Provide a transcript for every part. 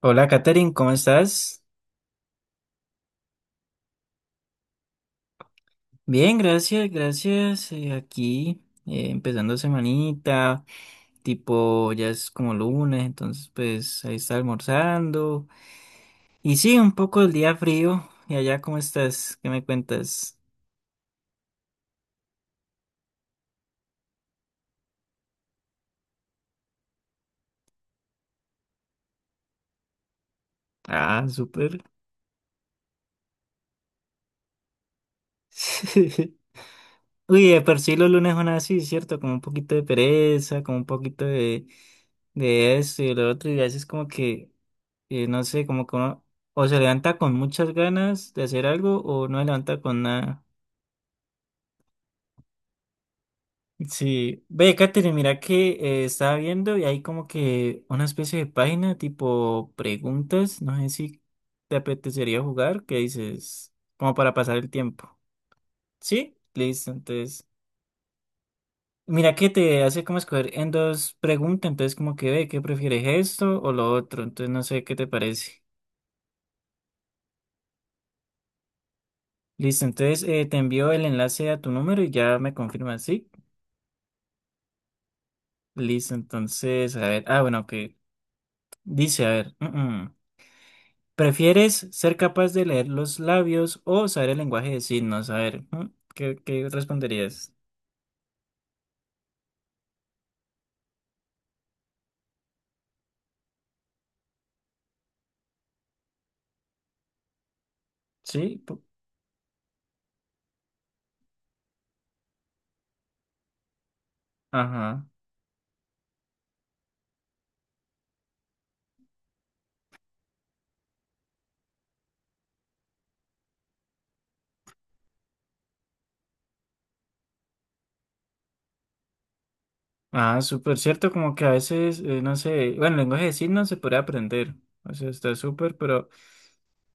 Hola, Katherine, ¿cómo estás? Bien, gracias, gracias. Aquí, empezando semanita, tipo ya es como lunes, entonces pues ahí está almorzando. Y sí, un poco el día frío. ¿Y allá cómo estás? ¿Qué me cuentas? Ah, súper. Uy, de por sí los lunes son así, ¿cierto? Como un poquito de pereza, como un poquito de esto y de lo otro, y a veces como que, y no sé, como que uno o se levanta con muchas ganas de hacer algo o no se levanta con nada. Sí, ve, Katherine, mira que, estaba viendo y hay como que una especie de página tipo preguntas, no sé si te apetecería jugar, que dices, como para pasar el tiempo. Sí, listo, entonces, mira que te hace como escoger en dos preguntas, entonces como que ve, ¿qué prefieres esto o lo otro? Entonces no sé qué te parece. Listo, entonces, te envío el enlace a tu número y ya me confirmas, ¿sí? Listo, entonces, a ver, ah, bueno, que dice, a ver, mm. ¿prefieres ser capaz de leer los labios o saber el lenguaje de signos? A ver, ¿qué, qué responderías? Sí, ajá. Ah, súper cierto, como que a veces, no sé, bueno, el lenguaje de signos se puede aprender, o sea, está súper, pero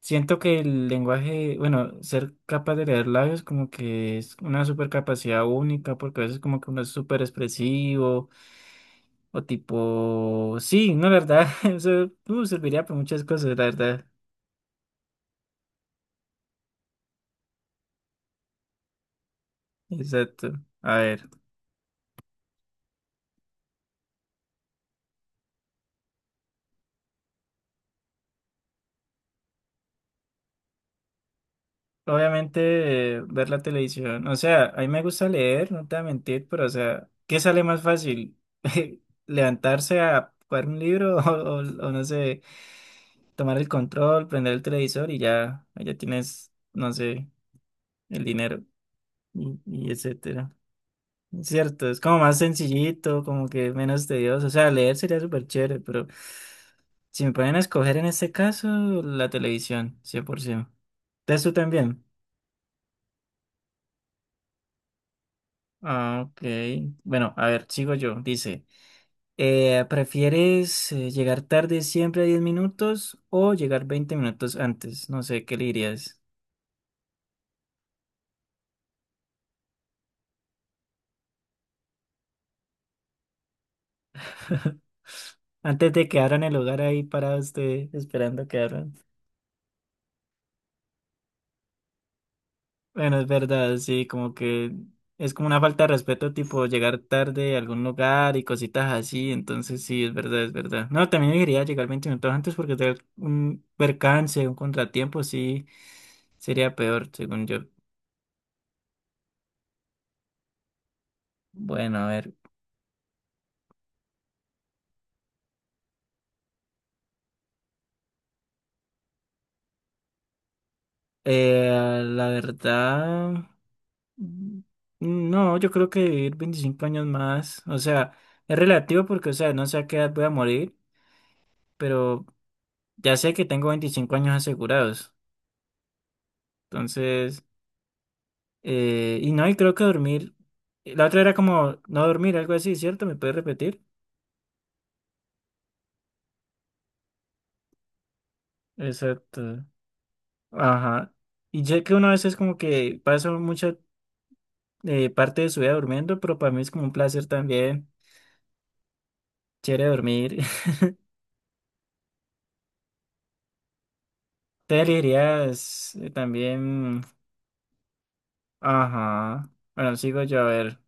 siento que el lenguaje, bueno, ser capaz de leer labios como que es una súper capacidad única, porque a veces como que uno es súper expresivo. O tipo, sí, no, la verdad, eso serviría para muchas cosas, la verdad. Exacto. A ver, obviamente, ver la televisión. O sea, a mí me gusta leer, no te voy a mentir, pero o sea, ¿qué sale más fácil? ¿Levantarse a jugar un libro o, o no sé, tomar el control, prender el televisor y ya, ya tienes, no sé, el dinero y etcétera? Cierto, es como más sencillito, como que menos tedioso. O sea, leer sería súper chévere, pero si me ponen a escoger en este caso, la televisión, 100%. ¿Entonces tú también? Ah, ok. Bueno, a ver, sigo yo. Dice, ¿prefieres llegar tarde siempre a 10 minutos o llegar 20 minutos antes? No sé, ¿qué le dirías? Antes de que abran el lugar ahí parado usted esperando que abran. Bueno, es verdad, sí, como que es como una falta de respeto, tipo llegar tarde a algún lugar y cositas así, entonces sí, es verdad, es verdad. No, también debería llegar 20 minutos antes porque tener un percance, un contratiempo, sí, sería peor, según yo. Bueno, a ver, la verdad, mm, no, yo creo que vivir 25 años más, o sea, es relativo porque, o sea, no sé a qué edad voy a morir, pero ya sé que tengo 25 años asegurados, entonces... y no, y creo que dormir. La otra era como no dormir, algo así, ¿cierto? ¿Me puedes repetir? Exacto. Ajá. Y sé que una vez es como que paso mucha, parte de su vida durmiendo, pero para mí es como un placer también. Chévere dormir. Te elegirías, también. Ajá. Bueno, sigo yo a ver.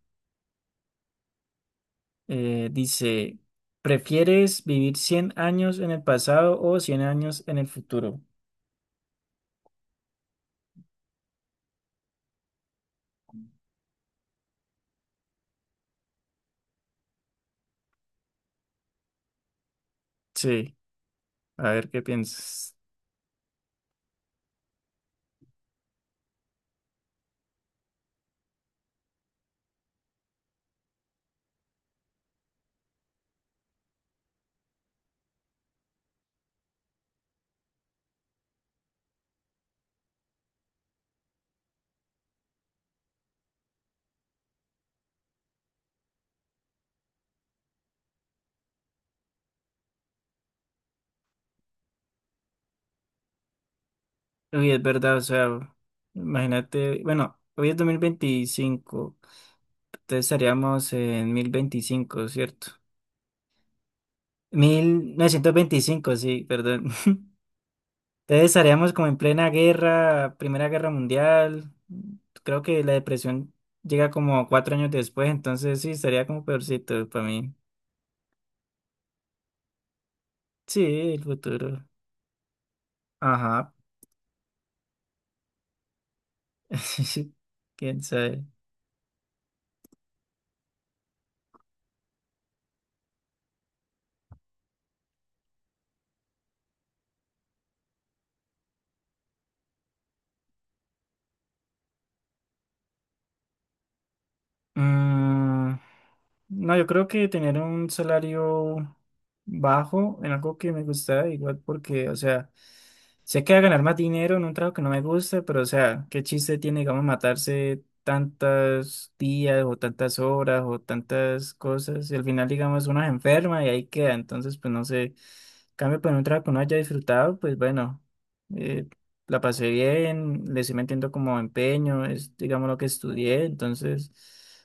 Dice: ¿prefieres vivir 100 años en el pasado o 100 años en el futuro? Sí. A ver qué piensas. Uy, es verdad, o sea, imagínate, bueno, hoy es 2025, entonces estaríamos en 1025, ¿cierto? 1925, sí, perdón. Entonces estaríamos como en plena guerra, Primera Guerra Mundial, creo que la depresión llega como cuatro años después, entonces sí, estaría como peorcito para mí. Sí, el futuro. Ajá, quién sabe. Mm, No, yo creo que tener un salario bajo en algo que me gusta igual porque, o sea, sé que va a ganar más dinero en un trabajo que no me gusta, pero o sea, ¿qué chiste tiene, digamos, matarse tantos días o tantas horas o tantas cosas? Y al final, digamos, uno se enferma y ahí queda. Entonces, pues no sé. Cambio por un trabajo que uno haya disfrutado, pues bueno, eh, la pasé bien, le estoy metiendo como empeño, es digamos lo que estudié. Entonces,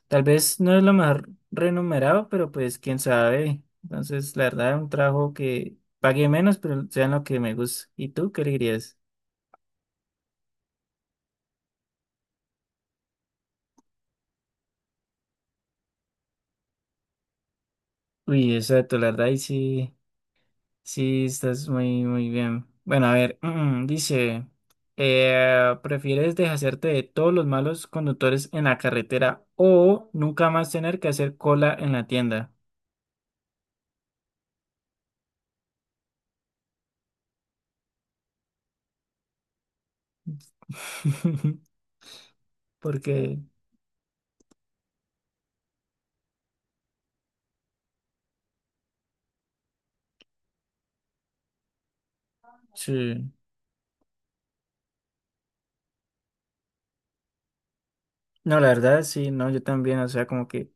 tal vez no es lo mejor renumerado, pero pues quién sabe. Entonces, la verdad, un trabajo que pagué menos, pero sean lo que me gusta. ¿Y tú qué le dirías? Uy, exacto, la verdad, y sí, sí, estás muy bien. Bueno, a ver, dice, ¿prefieres deshacerte de todos los malos conductores en la carretera o nunca más tener que hacer cola en la tienda? Porque, sí, no, la verdad, sí, no, yo también, o sea, como que...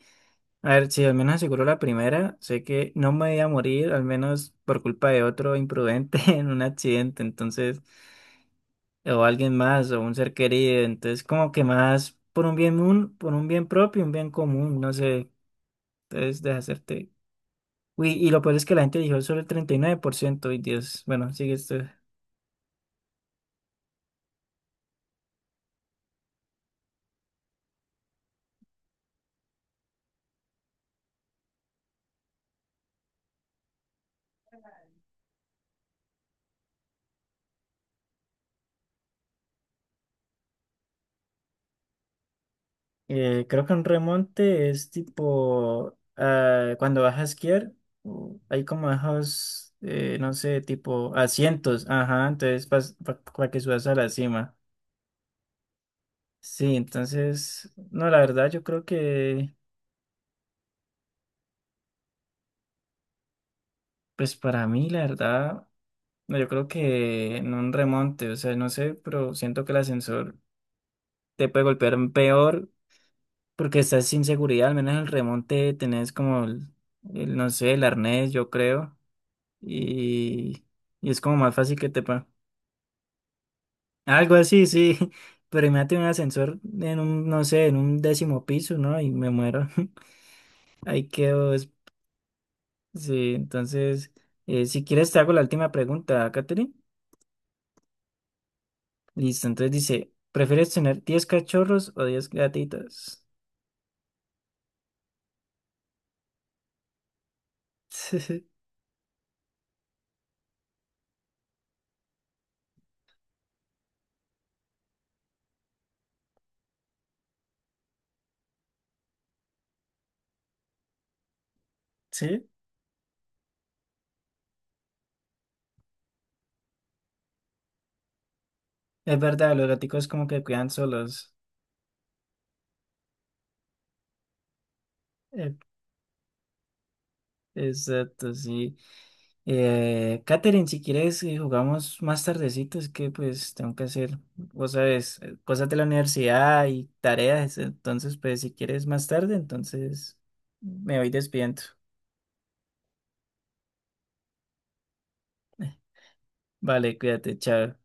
A ver, si al menos aseguro la primera, sé que no me voy a morir, al menos por culpa de otro imprudente en un accidente, entonces, o alguien más, o un ser querido, entonces como que más por un bien, por un bien propio, un bien común, no sé, entonces deshacerte. Uy, y lo peor es que la gente dijo solo el 39% y Dios, bueno, sigue esto. Creo que un remonte es tipo ah, cuando vas a esquiar, hay como bajos, no sé, tipo asientos, ajá, entonces para que subas a la cima. Sí, entonces, no, la verdad, yo creo que, pues para mí, la verdad, no, yo creo que en un remonte, o sea, no sé, pero siento que el ascensor te puede golpear peor porque estás sin seguridad, al menos en el remonte tenés como el, no sé, el arnés, yo creo. Y, y es como más fácil que algo así, sí, pero imagínate un ascensor en un, no sé, en un décimo piso, ¿no? Y me muero. Ahí quedo. Sí, entonces, si quieres te hago la última pregunta, Katherine. Listo, entonces dice, ¿prefieres tener 10 cachorros o 10 gatitos? Sí, es verdad, los gaticos como que cuidan solos. Eh, exacto, sí. Katherine, si quieres, jugamos más tardecito, es que pues tengo que hacer, vos sabes, cosas de la universidad y tareas, entonces pues si quieres más tarde, entonces me voy despidiendo. Vale, cuídate, chao.